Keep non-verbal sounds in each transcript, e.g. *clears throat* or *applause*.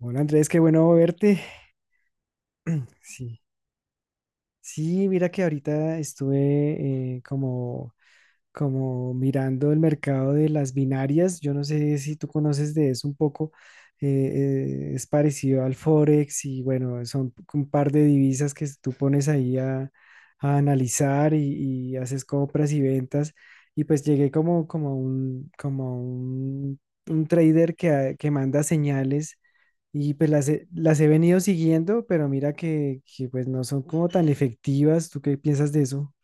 Hola Andrés, qué bueno verte. Sí, sí, mira que ahorita estuve como mirando el mercado de las binarias. Yo no sé si tú conoces de eso un poco. Es parecido al Forex y bueno, son un par de divisas que tú pones ahí a analizar y haces compras y ventas. Y pues llegué como un trader que manda señales. Y pues las he venido siguiendo, pero mira que pues no son como tan efectivas. ¿Tú qué piensas de eso?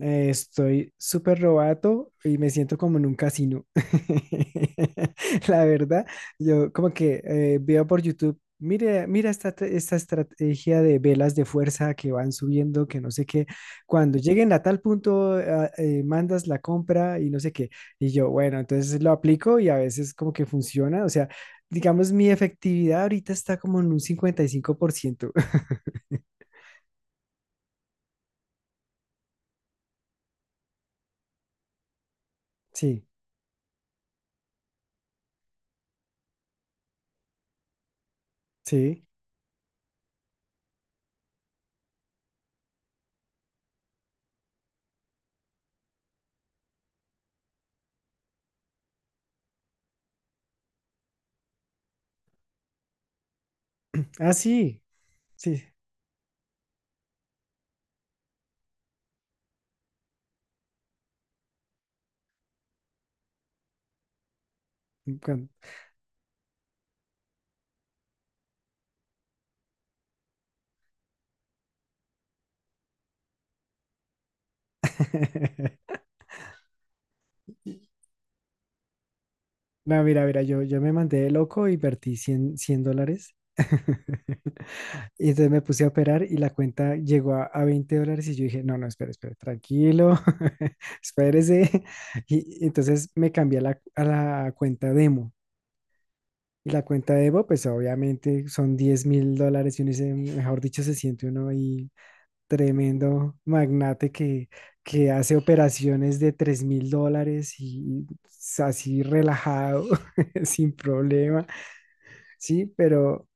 Estoy súper robato y me siento como en un casino. *laughs* La verdad, yo como que veo por YouTube, mira esta estrategia de velas de fuerza que van subiendo, que no sé qué. Cuando lleguen a tal punto, mandas la compra y no sé qué. Y yo, bueno, entonces lo aplico y a veces como que funciona. O sea, digamos, mi efectividad ahorita está como en un 55%. *laughs* Sí, sí. Ah, sí, sí. Cuan- *laughs* No, mira, mira, yo me mandé de loco y vertí cien dólares. *laughs* Y entonces me puse a operar y la cuenta llegó a $20 y yo dije, no, no, espera, espera, tranquilo, *laughs* espérese. Y, entonces me cambié a la cuenta demo. Y la cuenta demo, pues obviamente son $10,000 y uno dice, mejor dicho, se siente uno ahí tremendo magnate que hace operaciones de $3,000 y así relajado, *laughs* sin problema. Sí, pero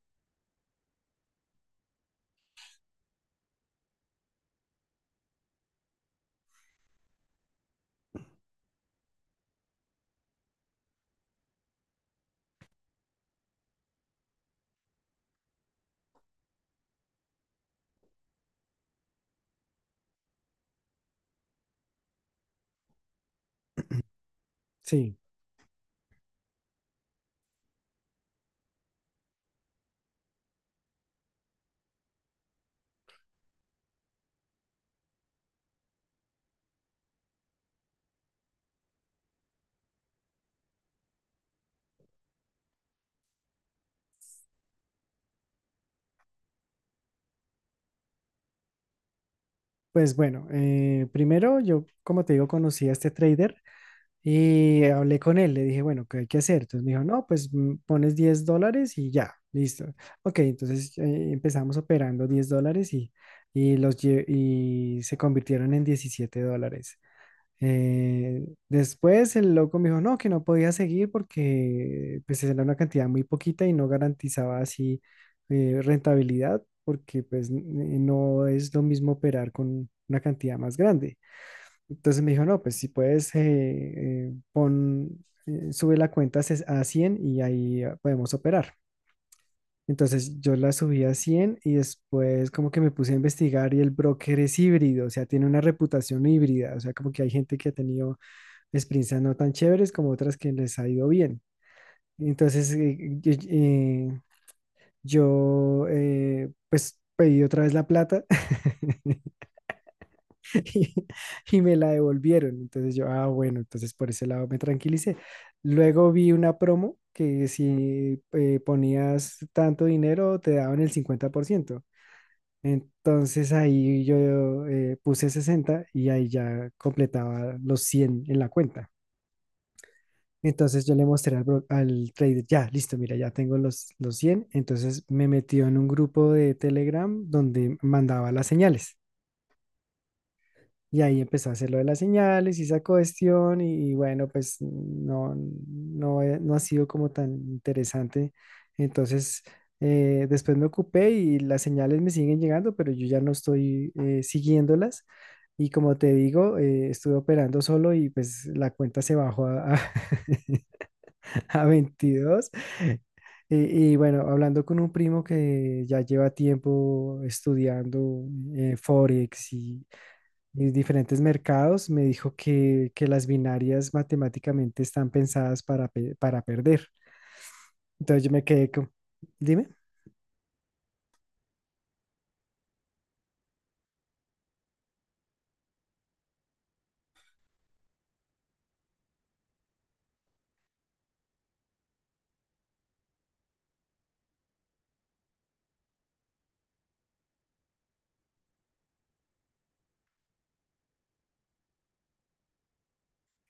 sí, pues bueno, primero yo, como te digo, conocí a este trader y hablé con él, le dije, bueno, ¿qué hay que hacer? Entonces me dijo, no, pues pones $10 y ya, listo. Ok, entonces empezamos operando $10 y se convirtieron en $17. Después el loco me dijo, no, que no podía seguir porque pues era una cantidad muy poquita y no garantizaba así rentabilidad porque pues no es lo mismo operar con una cantidad más grande. Entonces me dijo, no, pues si puedes, sube la cuenta a a 100 y ahí podemos operar. Entonces yo la subí a 100 y después como que me puse a investigar y el broker es híbrido, o sea tiene una reputación híbrida, o sea, como que hay gente que ha tenido experiencias no tan chéveres como otras que les ha ido bien. Entonces, yo, pues pedí otra vez la plata *laughs* y, y me la devolvieron. Entonces yo, bueno, entonces por ese lado me tranquilicé. Luego vi una promo que si ponías tanto dinero te daban el 50%. Entonces ahí yo puse 60 y ahí ya completaba los 100 en la cuenta. Entonces yo le mostré al trader, ya, listo, mira, ya tengo los 100. Entonces me metió en un grupo de Telegram donde mandaba las señales. Y ahí empezó a hacer lo de las señales y esa cuestión. Y bueno, pues no, no, no ha sido como tan interesante. Entonces después me ocupé y las señales me siguen llegando, pero yo ya no estoy siguiéndolas. Y como te digo, estuve operando solo y pues la cuenta se bajó a *laughs* *laughs* a 22. Y bueno, hablando con un primo que ya lleva tiempo estudiando Forex y diferentes mercados, me dijo que las binarias matemáticamente están pensadas para perder. Entonces yo me quedé con, dime,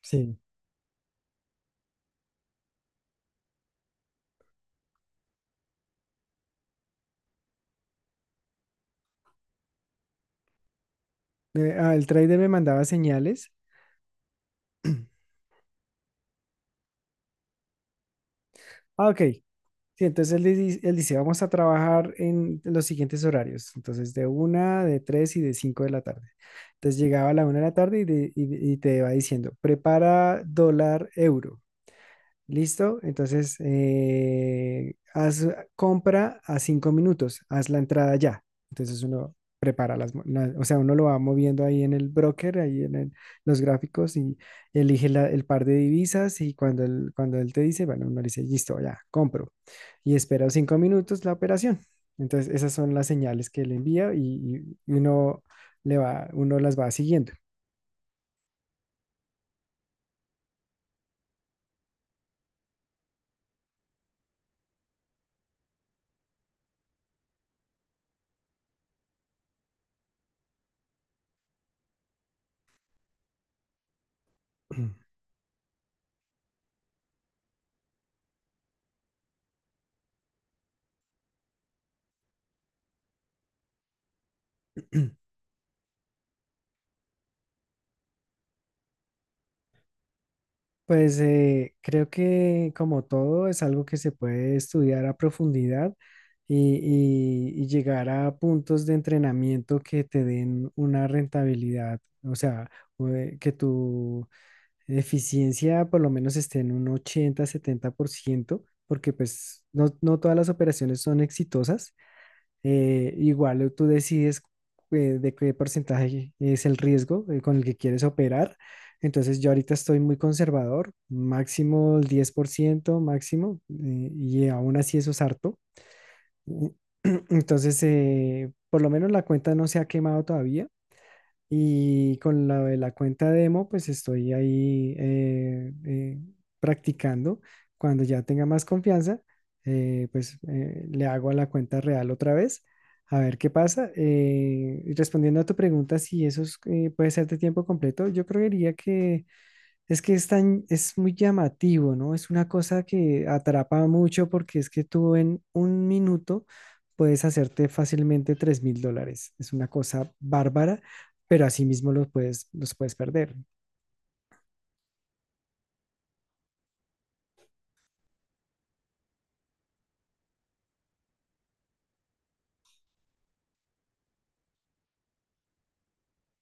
sí. El trader me mandaba señales. Ah, ok, sí, entonces él, él dice, vamos a trabajar en los siguientes horarios, entonces de una, de tres y de cinco de la tarde. Entonces llegaba a la una de la tarde y te va diciendo, prepara dólar euro. ¿Listo? Entonces, haz compra a 5 minutos, haz la entrada ya. Entonces uno prepara o sea, uno lo va moviendo ahí en el broker, ahí en los gráficos y elige el par de divisas y cuando él, te dice, bueno, uno le dice, listo, ya, compro. Y espera 5 minutos la operación. Entonces, esas son las señales que le envía y uno le va, uno las va siguiendo. *clears throat* Pues creo que como todo es algo que se puede estudiar a profundidad y, y llegar a puntos de entrenamiento que te den una rentabilidad, o sea, que tu eficiencia por lo menos esté en un 80-70%, porque pues no, no todas las operaciones son exitosas. Igual tú decides de qué porcentaje es el riesgo con el que quieres operar. Entonces yo ahorita estoy muy conservador, máximo el 10% máximo, y aún así eso es harto. *clears throat* Entonces, por lo menos la cuenta no se ha quemado todavía. Y con la de la cuenta demo, pues estoy ahí practicando. Cuando ya tenga más confianza, pues le hago a la cuenta real otra vez, a ver qué pasa. Y respondiendo a tu pregunta, si eso es, puede ser de tiempo completo, yo creería que es que es muy llamativo, ¿no? Es una cosa que atrapa mucho porque es que tú en un minuto puedes hacerte fácilmente $3,000. Es una cosa bárbara, pero asimismo los puedes perder.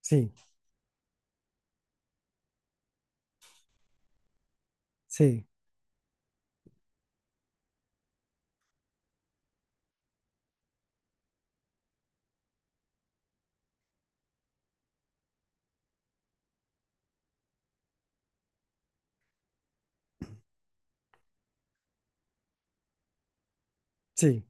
Sí, sí, sí.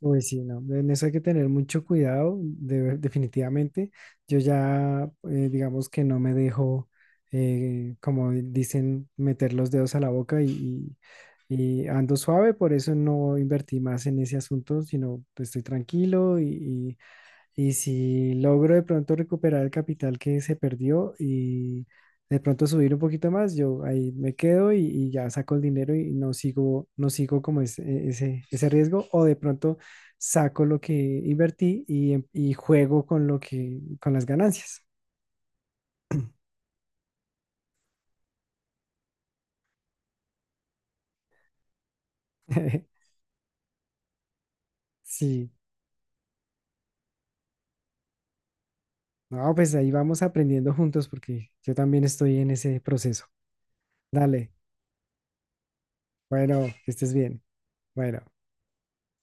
Uy, sí, no, en eso hay que tener mucho cuidado, definitivamente. Yo ya, digamos que no me dejo, como dicen, meter los dedos a la boca y ando suave, por eso no invertí más en ese asunto, sino pues, estoy tranquilo y si logro de pronto recuperar el capital que se perdió y de pronto subir un poquito más, yo ahí me quedo y ya saco el dinero y no sigo como ese riesgo. O de pronto saco lo que invertí y juego con las ganancias. *laughs* Sí, no, pues ahí vamos aprendiendo juntos porque yo también estoy en ese proceso. Dale, bueno, que estés bien. Bueno.